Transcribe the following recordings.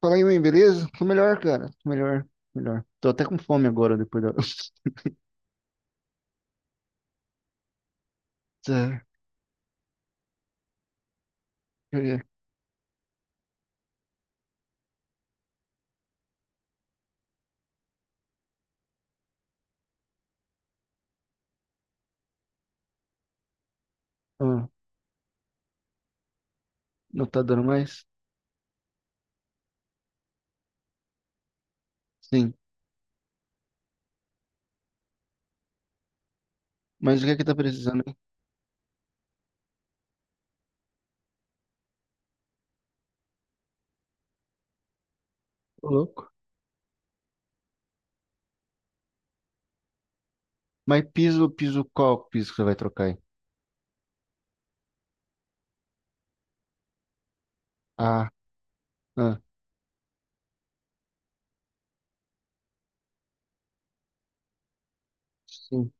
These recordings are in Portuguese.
Fala aí, mãe, beleza? Tô melhor, cara. Tô melhor, melhor. Tô até com fome agora, depois daTá, deixa eu ver. Ah, não tá dando mais? Sim. Mas o que é que tá precisando, hein? Ô, louco. Mas piso, piso qual piso que você vai trocar aí? Ah, ah, sim.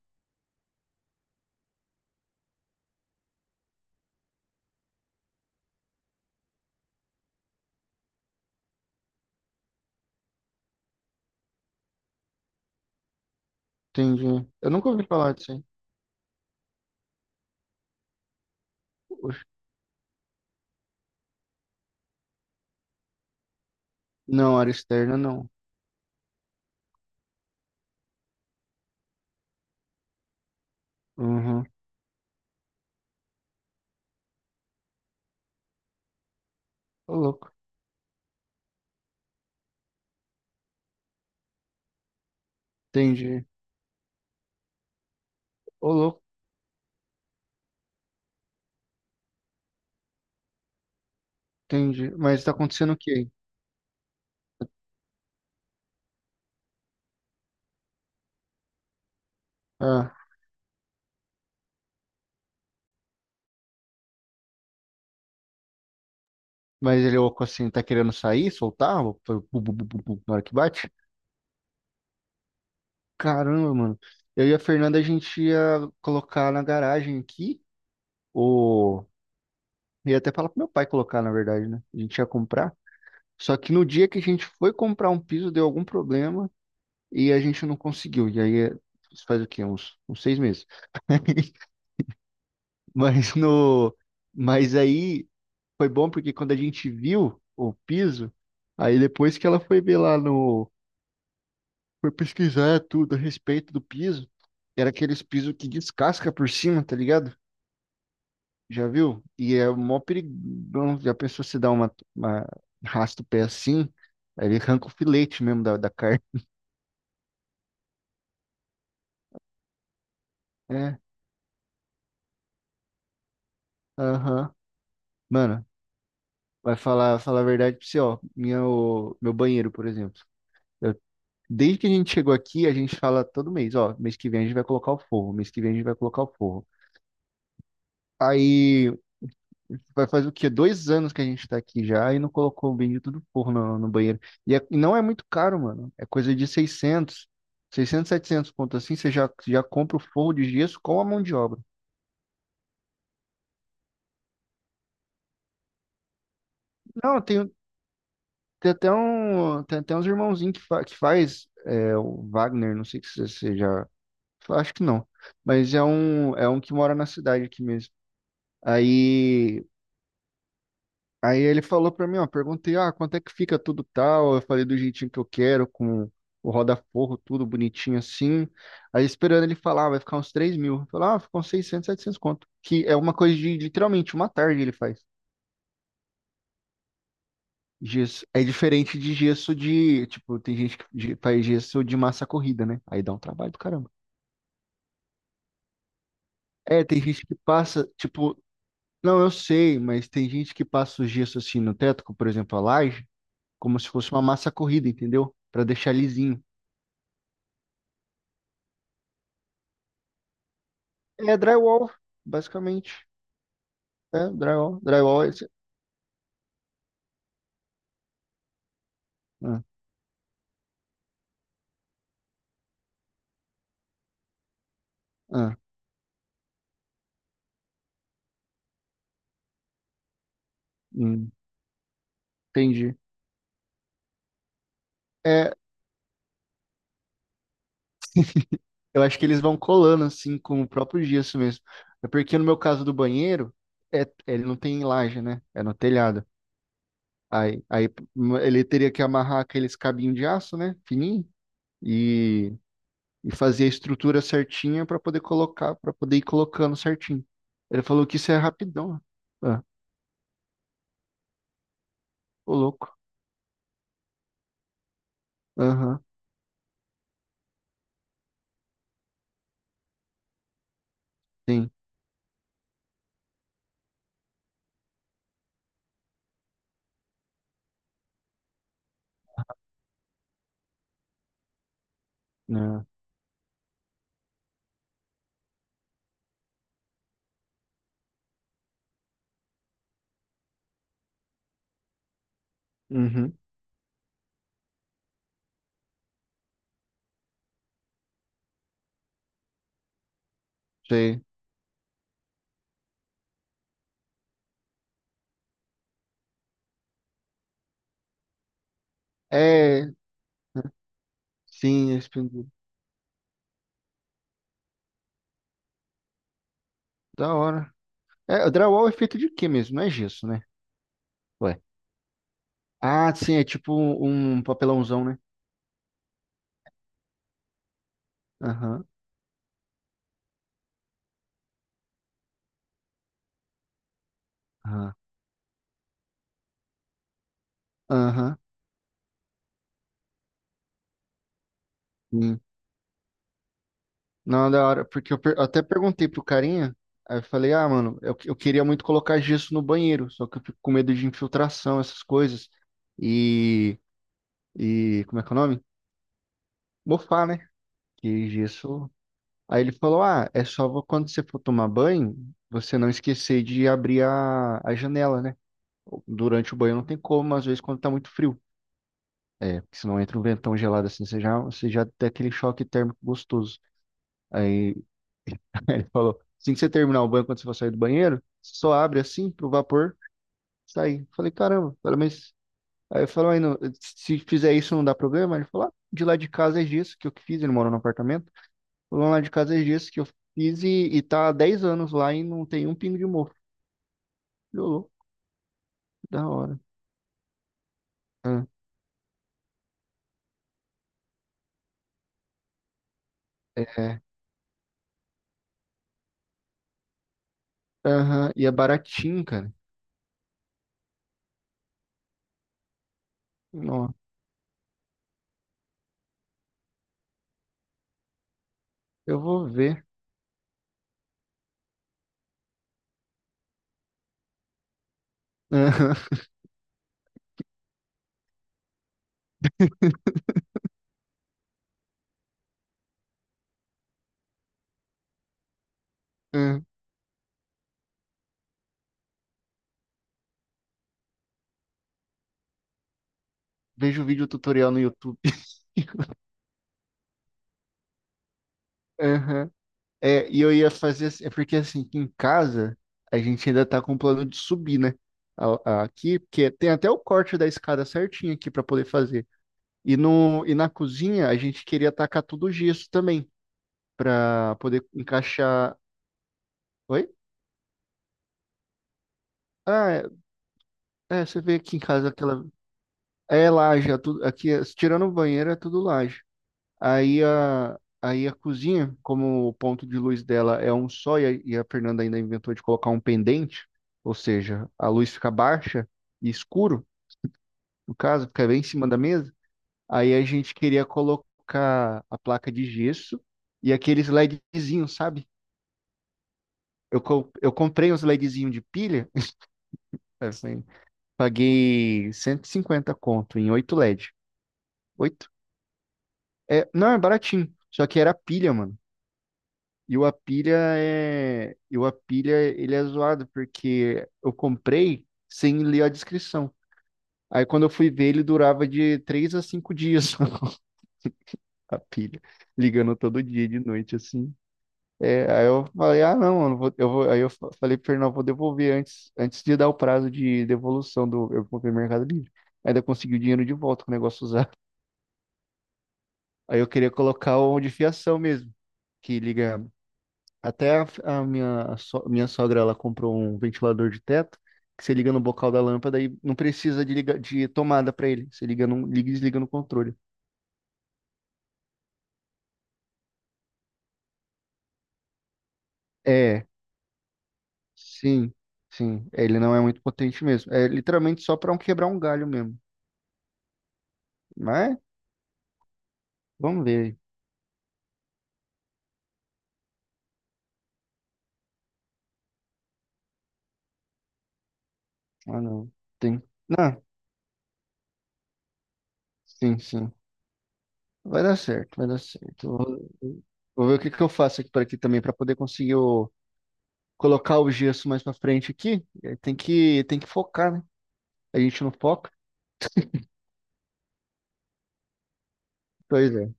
Entendi. Eu nunca ouvi falar disso, hein? Oxe. Não, área externa, não. Uhum. Ô, louco. Entendi. Ô, louco. Entendi. Mas tá acontecendo o quê aí? Ah, mas ele, ô, assim, tá querendo sair, soltar? Ô, bu- bu- bu- bu- bu- na hora que bate? Caramba, mano. Eu e a Fernanda, a gente ia colocar na garagem aqui, ou ia até falar pro meu pai colocar, na verdade, né? A gente ia comprar. Só que no dia que a gente foi comprar um piso, deu algum problema e a gente não conseguiu. E aí, isso faz o quê? Uns 6 meses. Mas no, mas aí foi bom porque quando a gente viu o piso, aí depois que ela foi ver lá no, foi pesquisar tudo a respeito do piso, era aqueles piso que descasca por cima, tá ligado? Já viu? E é mó perigão. Já pensou se dá uma raspa o pé assim? Aí ele arranca o filete mesmo da carne. É, aham. Mano, vai falar a verdade pra você, ó. Meu banheiro, por exemplo. Eu- desde que a gente chegou aqui, a gente fala todo mês, ó. Mês que vem a gente vai colocar o forro. Mês que vem a gente vai colocar o forro. Aí. Vai fazer o quê? 2 anos que a gente tá aqui já e não colocou o bendito do porro no banheiro. E não é muito caro, mano. É coisa de seiscentos 700 ponto assim. Você já compra o forro de gesso com a mão de obra. Não, tem até uns irmãozinhos que faz é, o Wagner, não sei se você já. Acho que não. Mas é um que mora na cidade aqui mesmo. Aí Aí ele falou pra mim, ó, perguntei, ah, quanto é que fica tudo tal? Eu falei do jeitinho que eu quero, com o roda-forro, tudo bonitinho assim. Aí esperando ele falar, vai ficar uns 3 mil. Falar, ah, ficou uns 600, 700 conto. Que é uma coisa de literalmente uma tarde ele faz. Gesso. É diferente de gesso de, tipo, tem gente que faz gesso de massa corrida, né? Aí dá um trabalho do caramba. É, tem gente que passa, tipo, não, eu sei, mas tem gente que passa o gesso assim no teto, como, por exemplo, a laje, como se fosse uma massa corrida, entendeu? Pra deixar lisinho. É drywall, basicamente. É drywall. Drywall é esse. Ah, ah, hum, entendi. É, eu acho que eles vão colando assim com o próprio gesso mesmo. É porque no meu caso do banheiro, ele não tem laje, né? É no telhado. Aí ele teria que amarrar aqueles cabinhos de aço, né? Fininho. E, e fazer a estrutura certinha para poder colocar, para poder ir colocando certinho. Ele falou que isso é rapidão. Ah, ô louco. Aham, sim. Ah, uhum, sei. É, sim, expandido. Da hora. É, o drywall é feito de quê mesmo? Não é gesso, né? Ué. Ah, sim, é tipo um papelãozão, né? Aham, aham, aham. Sim. Não, da hora, porque eu até perguntei pro carinha, aí eu falei, ah, mano, eu queria muito colocar gesso no banheiro, só que eu fico com medo de infiltração, essas coisas. E, e como é que é o nome? Mofar, né? Que gesso. Aí ele falou, ah, é só quando você for tomar banho, você não esquecer de abrir a janela, né? Durante o banho não tem como, mas às vezes quando tá muito frio. É, porque senão entra um ventão gelado assim, você já tem aquele choque térmico gostoso. Aí ele falou, assim que você terminar o banho, quando você for sair do banheiro, você só abre assim pro vapor sair. Falei, caramba. Falei, mas. Aí eu falei, "Mas se fizer isso não dá problema?" Ele falou, ah, de lá de casa é gesso que eu que fiz, ele mora no apartamento. Falou, lá de casa é gesso que eu fiz e tá há 10 anos lá e não tem um pingo de mofo. Falei, "Ô, louco, da hora." Ah, é, aham, e é baratinho, cara. Nossa. Eu vou ver. Aham. Aham. Vejo vídeo tutorial no YouTube. Aham. É, e eu ia fazer assim, é porque assim, aqui em casa a gente ainda tá com o plano de subir, né? Aqui, porque tem até o corte da escada certinho aqui pra poder fazer. E, no, e na cozinha a gente queria tacar tudo gesso também, pra poder encaixar. Oi? Ah, é, é, você vê aqui em casa aquela. É laje, é tudo, aqui, tirando o banheiro, é tudo laje. Aí a cozinha, como o ponto de luz dela é um só, e a Fernanda ainda inventou de colocar um pendente, ou seja, a luz fica baixa e escuro, no caso, fica bem em cima da mesa. Aí a gente queria colocar a placa de gesso e aqueles LEDzinhos, sabe? Eu comprei uns LEDzinhos de pilha, assim, paguei 150 conto em 8 LED. Oito. É, não, é baratinho, só que era pilha, mano. E o Apilha ele é zoado porque eu comprei sem ler a descrição. Aí quando eu fui ver ele durava de 3 a 5 dias a pilha, ligando todo dia de noite assim. É, aí eu falei, ah não, eu não vou, eu vou, aí eu falei pro Fernando, eu vou devolver antes, de dar o prazo de devolução do, eu comprei no Mercado Livre. Ainda consegui o dinheiro de volta com o negócio usado. Aí eu queria colocar o de fiação mesmo, que liga. Até a minha sogra, ela comprou um ventilador de teto que você liga no bocal da lâmpada e não precisa de, liga, de tomada para ele. Você liga e desliga no controle. É, sim, sim. É, ele não é muito potente mesmo. É literalmente só para um quebrar um galho mesmo. Mas vamos ver aí. Ah, não. Tem. Não, sim, sim. Vai dar certo, vai dar certo. Vou ver o que que eu faço aqui para aqui também para poder conseguir colocar o gesso mais para frente aqui. É. Tem que focar, né? A gente não foca. Pois é.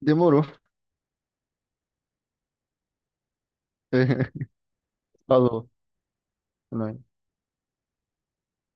Demorou. Falou, né?